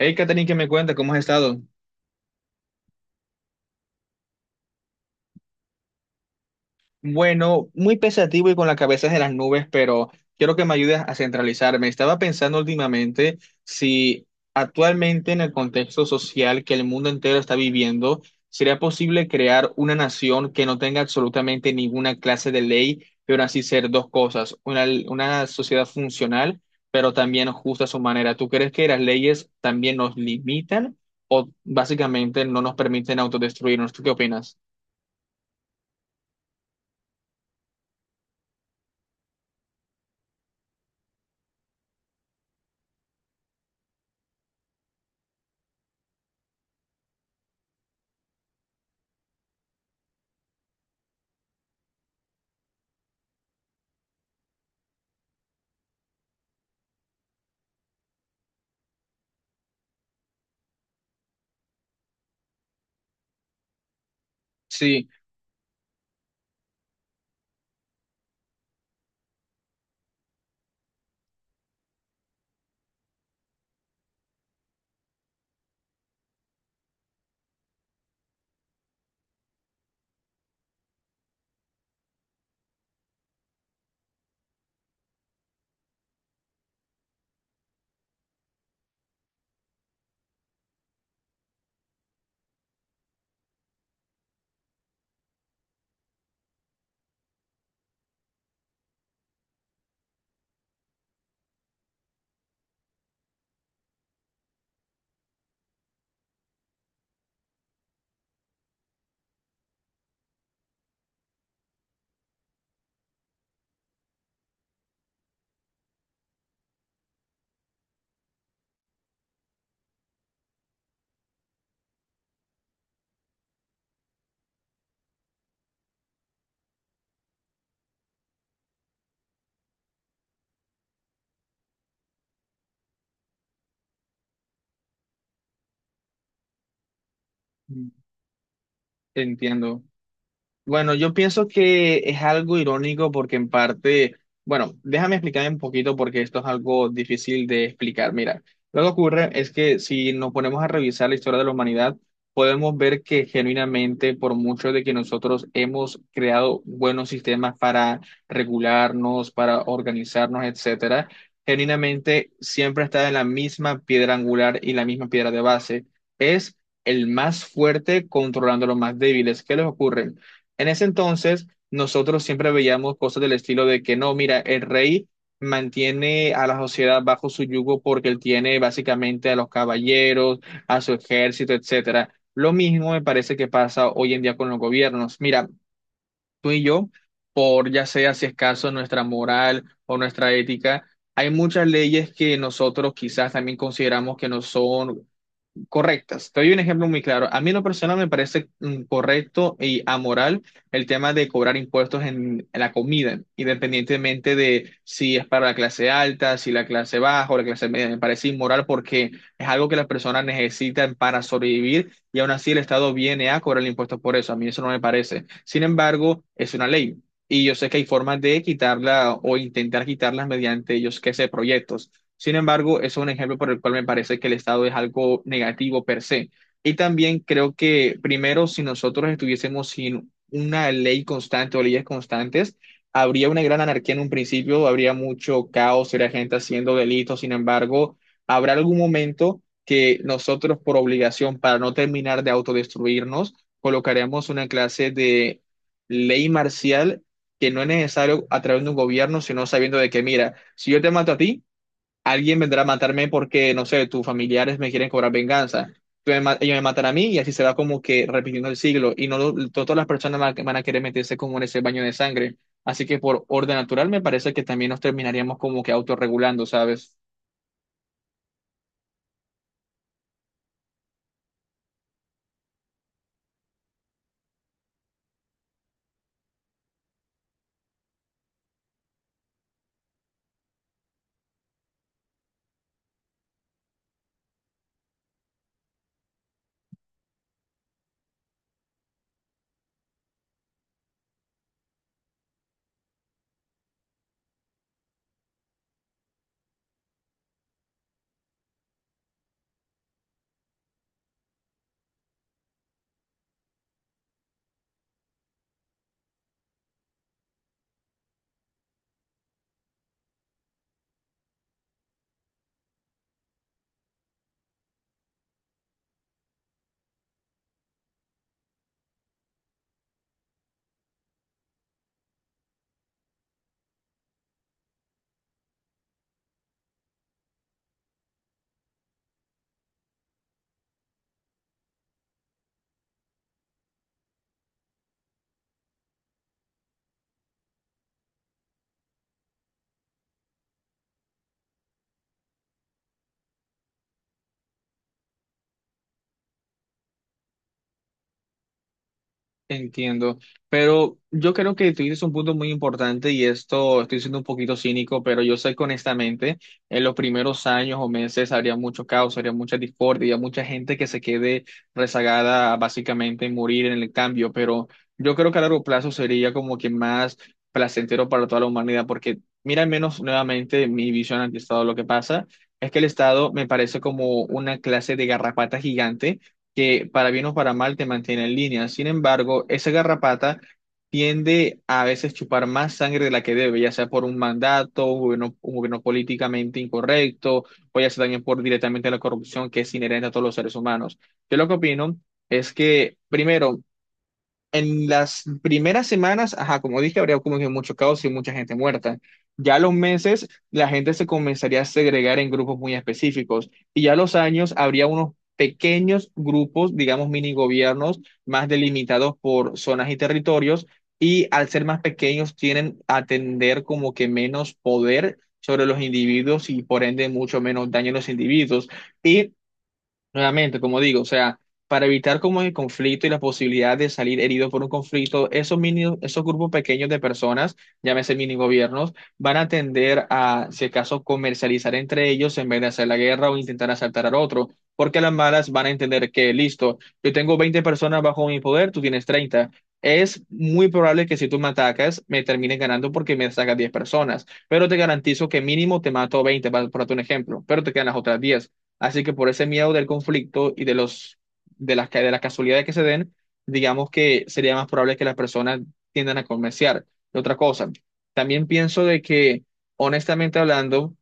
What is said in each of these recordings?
Hey, Katherine, ¿qué me cuenta? ¿Cómo has estado? Bueno, muy pensativo y con la cabeza en las nubes, pero quiero que me ayudes a centralizarme. Estaba pensando últimamente si actualmente en el contexto social que el mundo entero está viviendo, sería posible crear una nación que no tenga absolutamente ninguna clase de ley, pero así ser dos cosas, una sociedad funcional, pero también justa a su manera. ¿Tú crees que las leyes también nos limitan o básicamente no nos permiten autodestruirnos? ¿Tú qué opinas? Sí, entiendo. Bueno, yo pienso que es algo irónico porque en parte, bueno, déjame explicar un poquito porque esto es algo difícil de explicar. Mira, lo que ocurre es que si nos ponemos a revisar la historia de la humanidad, podemos ver que genuinamente, por mucho de que nosotros hemos creado buenos sistemas para regularnos, para organizarnos, etcétera, genuinamente siempre está en la misma piedra angular y la misma piedra de base. Es el más fuerte controlando a los más débiles. ¿Qué les ocurre? En ese entonces, nosotros siempre veíamos cosas del estilo de que no, mira, el rey mantiene a la sociedad bajo su yugo porque él tiene básicamente a los caballeros, a su ejército, etcétera. Lo mismo me parece que pasa hoy en día con los gobiernos. Mira, tú y yo, por ya sea si es caso nuestra moral o nuestra ética, hay muchas leyes que nosotros quizás también consideramos que no son correctas. Te doy un ejemplo muy claro. A mí en lo personal me parece correcto y amoral el tema de cobrar impuestos en la comida, independientemente de si es para la clase alta, si la clase baja o la clase media. Me parece inmoral porque es algo que las personas necesitan para sobrevivir y aún así el Estado viene a cobrar impuestos por eso. A mí eso no me parece. Sin embargo, es una ley. Y yo sé que hay formas de quitarla o intentar quitarlas mediante, yo sé que sé, proyectos. Sin embargo, eso es un ejemplo por el cual me parece que el Estado es algo negativo per se. Y también creo que, primero, si nosotros estuviésemos sin una ley constante o leyes constantes, habría una gran anarquía en un principio, habría mucho caos, habría gente haciendo delitos. Sin embargo, habrá algún momento que nosotros, por obligación, para no terminar de autodestruirnos, colocaremos una clase de ley marcial que no es necesario a través de un gobierno, sino sabiendo de que, mira, si yo te mato a ti, alguien vendrá a matarme porque, no sé, tus familiares me quieren cobrar venganza. Ellos me matan a mí y así se va como que repitiendo el siglo. Y no lo- Todas las personas van a querer meterse como en ese baño de sangre. Así que por orden natural me parece que también nos terminaríamos como que autorregulando, ¿sabes? Entiendo, pero yo creo que tú dices un punto muy importante y esto estoy siendo un poquito cínico, pero yo sé que honestamente en los primeros años o meses habría mucho caos, habría mucha discordia, habría mucha gente que se quede rezagada a básicamente morir en el cambio, pero yo creo que a largo plazo sería como que más placentero para toda la humanidad, porque mira, al menos nuevamente mi visión ante el Estado, lo que pasa es que el Estado me parece como una clase de garrapata gigante que para bien o para mal te mantiene en línea. Sin embargo, esa garrapata tiende a veces chupar más sangre de la que debe, ya sea por un mandato, un gobierno políticamente incorrecto, o ya sea también por directamente la corrupción que es inherente a todos los seres humanos. Yo lo que opino es que, primero, en las primeras semanas, ajá, como dije, habría como que mucho caos y mucha gente muerta. Ya a los meses, la gente se comenzaría a segregar en grupos muy específicos. Y ya a los años, habría unos pequeños grupos, digamos, mini gobiernos, más delimitados por zonas y territorios. Y al ser más pequeños, tienen a tener como que menos poder sobre los individuos y por ende mucho menos daño a los individuos. Y nuevamente, como digo, o sea, para evitar como el conflicto y la posibilidad de salir herido por un conflicto, esos grupos pequeños de personas, llámese mini gobiernos, van a tender a, si acaso, comercializar entre ellos en vez de hacer la guerra o intentar asaltar al otro, porque las malas van a entender que, listo, yo tengo 20 personas bajo mi poder, tú tienes 30. Es muy probable que si tú me atacas, me termines ganando porque me sacas 10 personas, pero te garantizo que mínimo te mato 20, para, por un ejemplo, pero te quedan las otras 10. Así que por ese miedo del conflicto y de los de las casualidades que se den, digamos que sería más probable que las personas tiendan a comerciar. Y otra cosa, también pienso de que honestamente hablando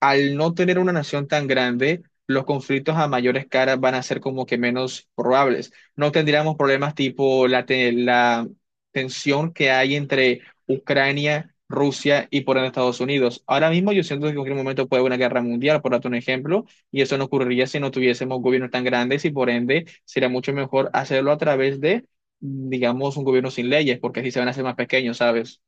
al no tener una nación tan grande, los conflictos a mayores caras van a ser como que menos probables. No tendríamos problemas tipo la tensión que hay entre Ucrania, Rusia y por ende Estados Unidos. Ahora mismo yo siento que en cualquier momento puede haber una guerra mundial, por darte un ejemplo, y eso no ocurriría si no tuviésemos gobiernos tan grandes y por ende sería mucho mejor hacerlo a través de, digamos, un gobierno sin leyes, porque así se van a hacer más pequeños, ¿sabes?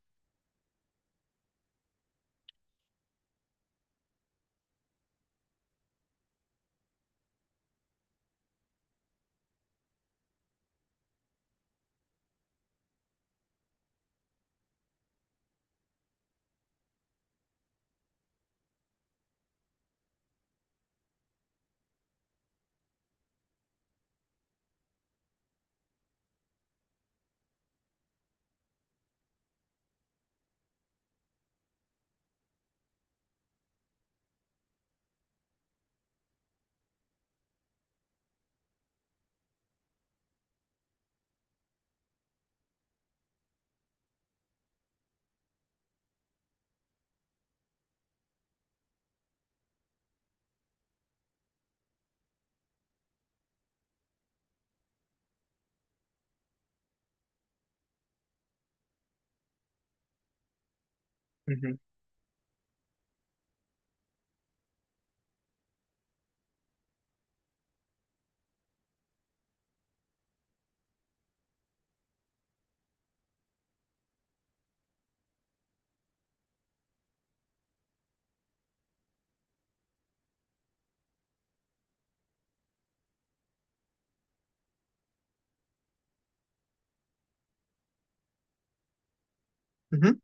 Ujú. Ujú.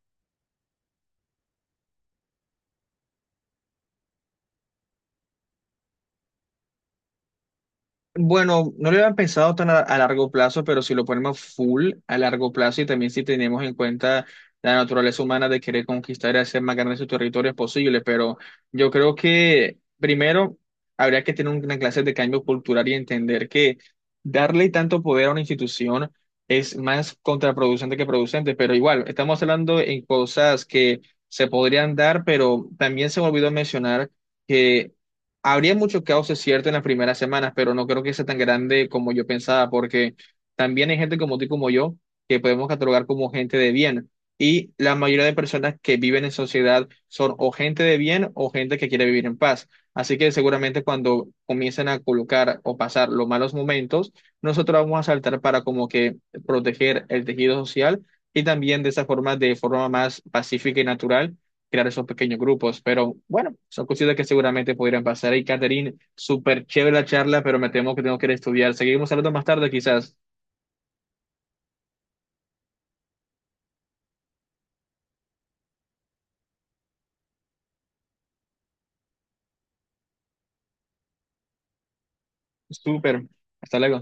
Bueno, no lo habían pensado tan a largo plazo, pero si lo ponemos full a largo plazo y también si tenemos en cuenta la naturaleza humana de querer conquistar y hacer más grandes sus territorios posibles, pero yo creo que primero habría que tener una clase de cambio cultural y entender que darle tanto poder a una institución es más contraproducente que producente, pero igual, estamos hablando en cosas que se podrían dar, pero también se me olvidó mencionar que. Habría mucho caos, es cierto, en las primeras semanas, pero no creo que sea tan grande como yo pensaba, porque también hay gente como tú y como yo que podemos catalogar como gente de bien. Y la mayoría de personas que viven en sociedad son o gente de bien o gente que quiere vivir en paz. Así que seguramente cuando comiencen a colocar o pasar los malos momentos, nosotros vamos a saltar para como que proteger el tejido social y también de esa forma, de forma más pacífica y natural crear esos pequeños grupos. Pero bueno, son cositas que seguramente podrían pasar. Y Catherine, súper chévere la charla, pero me temo que tengo que ir a estudiar. Seguimos hablando más tarde, quizás. Súper. Hasta luego.